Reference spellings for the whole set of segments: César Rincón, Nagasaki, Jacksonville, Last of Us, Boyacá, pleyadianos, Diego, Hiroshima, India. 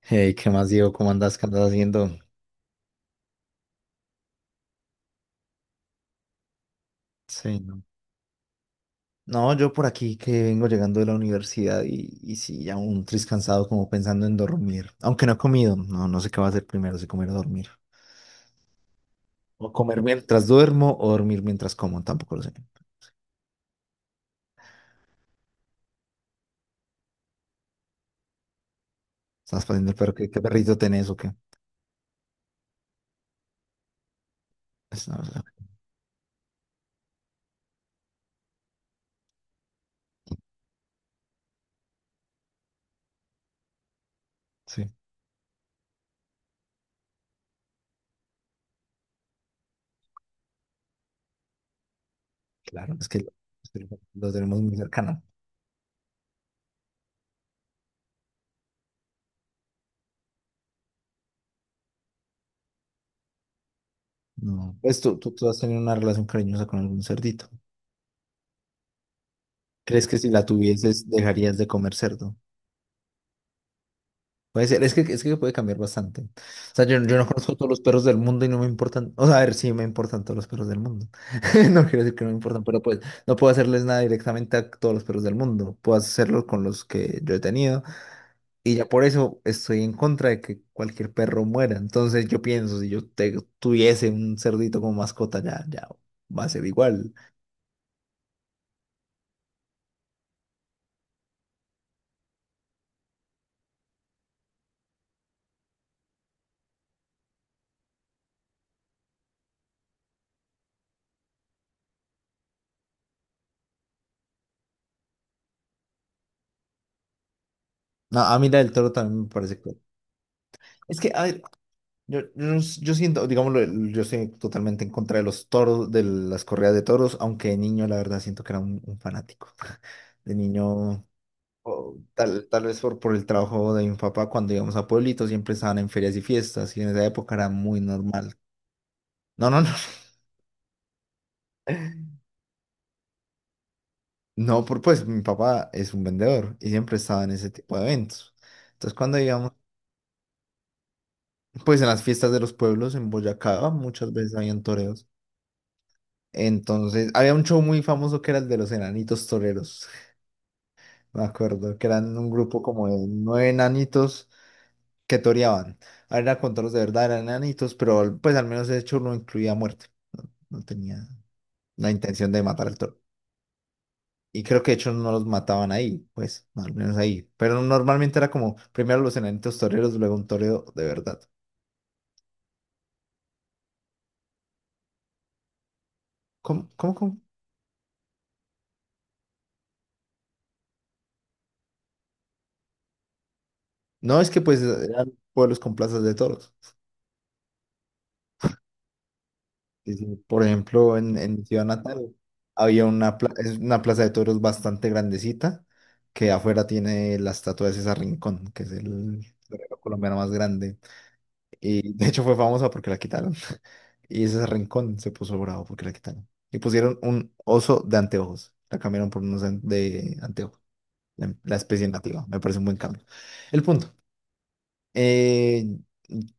Hey, ¿qué más, Diego? ¿Cómo andas? ¿Qué andas haciendo? Sí, no. No, yo por aquí que vengo llegando de la universidad y sí, ya un tris cansado como pensando en dormir. Aunque no he comido, no, no sé qué va a hacer primero, si comer o dormir. O comer mientras duermo o dormir mientras como, tampoco lo sé. Estás pasando el perro, ¿qué perrito tenés o qué? Pues, no, o sea, sí, claro, es que lo tenemos muy cercano. No. Pues tú has tenido una relación cariñosa con algún cerdito. ¿Crees que si la tuvieses dejarías de comer cerdo? Puede ser, es que puede cambiar bastante. O sea, yo no, sí, conozco todos los perros del mundo y no me importan. O sea, a ver, sí me importan todos los perros del mundo. No quiero decir que no me importan, pero pues no puedo hacerles nada directamente a todos los perros del mundo. Puedo hacerlo con los que yo he tenido. Y ya por eso estoy en contra de que cualquier perro muera. Entonces yo pienso, si yo tuviese un cerdito como mascota, ya, ya va a ser igual. No, a mí la del toro también me parece que... Es que, a ver, yo siento, digámoslo, yo estoy totalmente en contra de los toros, de las corridas de toros, aunque de niño la verdad siento que era un fanático. De niño, o tal vez por el trabajo de mi papá, cuando íbamos a pueblitos siempre estaban en ferias y fiestas, y en esa época era muy normal. No, no, no, no, por pues mi papá es un vendedor y siempre estaba en ese tipo de eventos. Entonces cuando íbamos, pues en las fiestas de los pueblos en Boyacá muchas veces habían toreos. Entonces había un show muy famoso que era el de los enanitos toreros. Me acuerdo que eran un grupo como de nueve enanitos que toreaban. A ver, era con toros de verdad, eran enanitos, pero pues al menos de hecho no incluía muerte. No, no tenía la intención de matar al toro. Y creo que de hecho no los mataban ahí, pues, al menos ahí. Pero normalmente era como primero los enanitos toreros, luego un toreo de verdad. ¿Cómo, cómo, cómo? No, es que pues eran pueblos con plazas de toros. Sí, sí. Por ejemplo, en mi ciudad natal había es una plaza de toros bastante grandecita que afuera tiene la estatua de César Rincón, que es el torero colombiano más grande. Y de hecho fue famosa porque la quitaron. Y César Rincón se puso bravo porque la quitaron. Y pusieron un oso de anteojos. La cambiaron por unos de anteojos, la especie nativa. Me parece un buen cambio. El punto. Eh,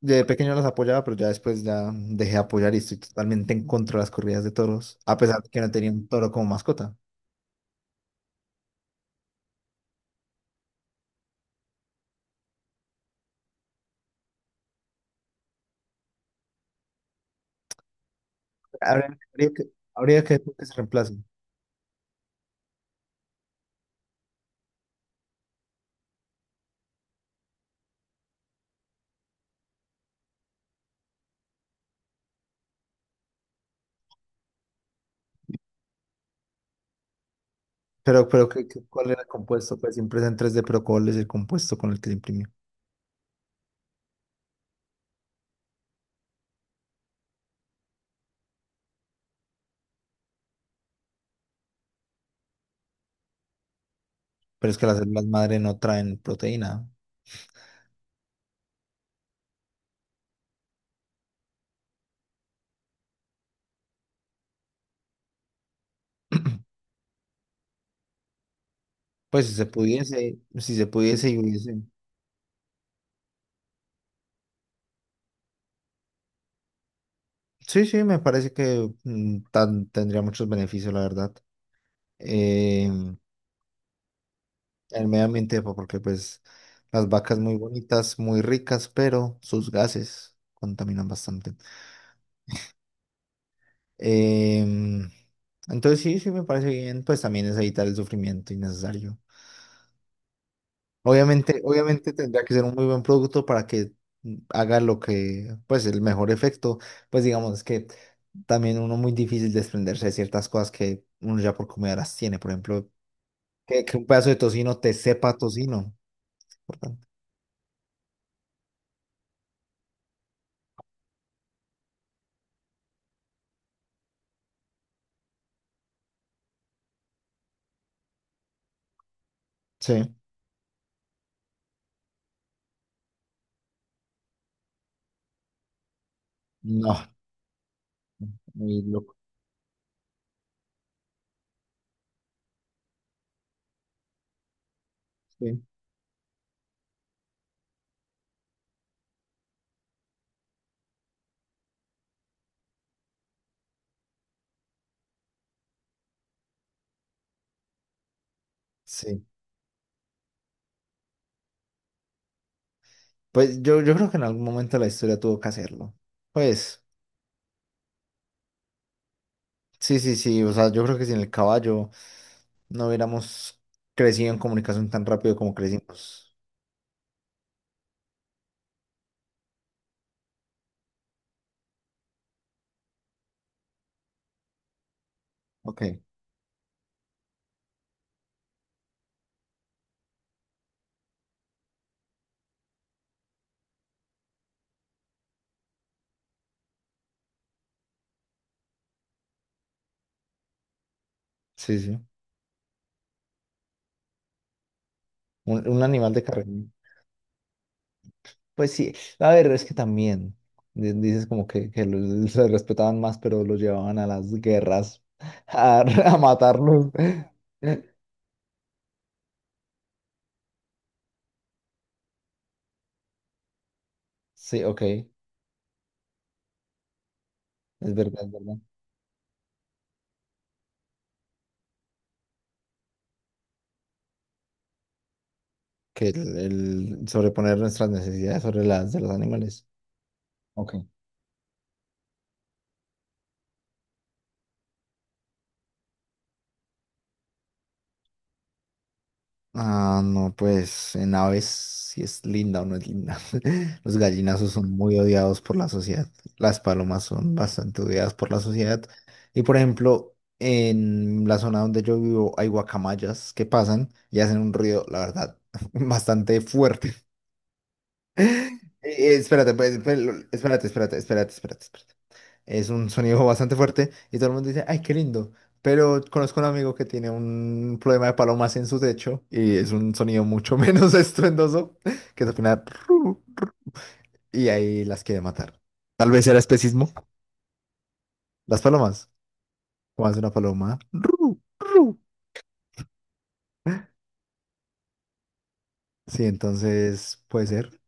de pequeño los apoyaba, pero ya después ya dejé de apoyar y estoy totalmente en contra de las corridas de toros, a pesar de que no tenía un toro como mascota. Habría, habría que, Habría que ver que se reemplace. Pero ¿cuál era el compuesto? Pues siempre es en 3D, pero ¿cuál es el compuesto con el que se imprimió? Pero es que las células madre no traen proteína. Pues si se pudiese, si se pudiese y hubiese. Sí, sí, me parece que tendría muchos beneficios, la verdad. Eh, el medio ambiente, porque pues las vacas muy bonitas, muy ricas, pero sus gases contaminan bastante. Em, entonces sí, sí me parece bien, pues también es evitar el sufrimiento innecesario. Obviamente, obviamente tendría que ser un muy buen producto para que haga lo que, pues el mejor efecto, pues digamos que también uno muy difícil desprenderse de ciertas cosas que uno ya por comida las tiene, por ejemplo, que un pedazo de tocino te sepa a tocino. Sí. No, muy loco. Sí, sí, pues yo creo que en algún momento la historia tuvo que hacerlo. Pues, sí, sí, sí, o sea, yo creo que sin el caballo no hubiéramos crecido en comunicación tan rápido como crecimos. Ok, sí, sí. Un animal de carrera. Pues sí, a ver, es que también dices como que se respetaban más, pero los llevaban a las guerras a matarlos. Sí, ok, es verdad, es verdad. Que el sobreponer nuestras necesidades sobre las de los animales. Ok. Ah, no, pues en aves si es linda o no es linda. Los gallinazos son muy odiados por la sociedad. Las palomas son bastante odiadas por la sociedad. Y por ejemplo, en la zona donde yo vivo hay guacamayas que pasan y hacen un ruido, la verdad, bastante fuerte. Espérate, pues, espérate, espérate, espérate, espérate. Espérate. Es un sonido bastante fuerte y todo el mundo dice, ay, qué lindo. Pero conozco un amigo que tiene un problema de palomas en su techo y es un sonido mucho menos estruendoso, que es al final, "Ru", y ahí las quiere matar. Tal vez era especismo. Las palomas. ¿Cómo hace una paloma? "Ru, ru". Sí, entonces puede ser.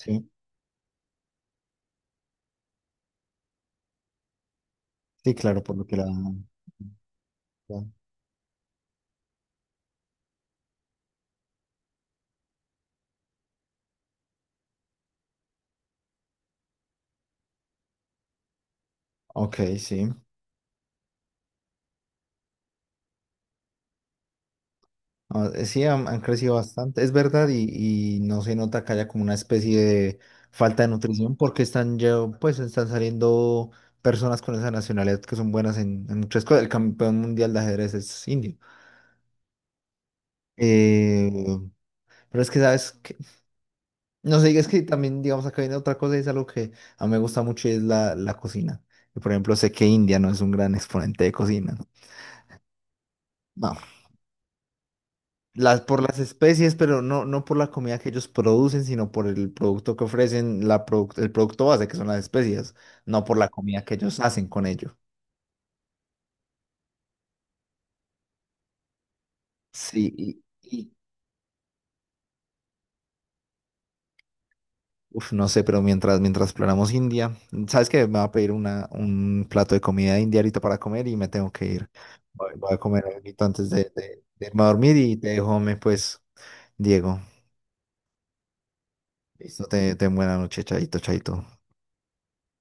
Sí, sí, claro, por lo que la... la- Ok, sí. Ah, sí, han crecido bastante, es verdad, y no se nota que haya como una especie de falta de nutrición porque están ya, pues están saliendo personas con esa nacionalidad que son buenas en muchas cosas. El campeón mundial de ajedrez es indio. Eh, pero es que, ¿sabes? Que no sé, es que también, digamos, acá viene otra cosa y es algo que a mí me gusta mucho y es la cocina. Y, por ejemplo, sé que India no es un gran exponente de cocina. No. Por las especies, pero no, no por la comida que ellos producen, sino por el producto que ofrecen, el producto base, que son las especies, no por la comida que ellos hacen con ello. Sí, uf, no sé, pero mientras planeamos India, ¿sabes qué? Me va a pedir un plato de comida india ahorita para comer y me tengo que ir. Voy a comer algo antes de irme a dormir y te dejo, me, pues, Diego. Listo, te buena noche, chaito, chaito.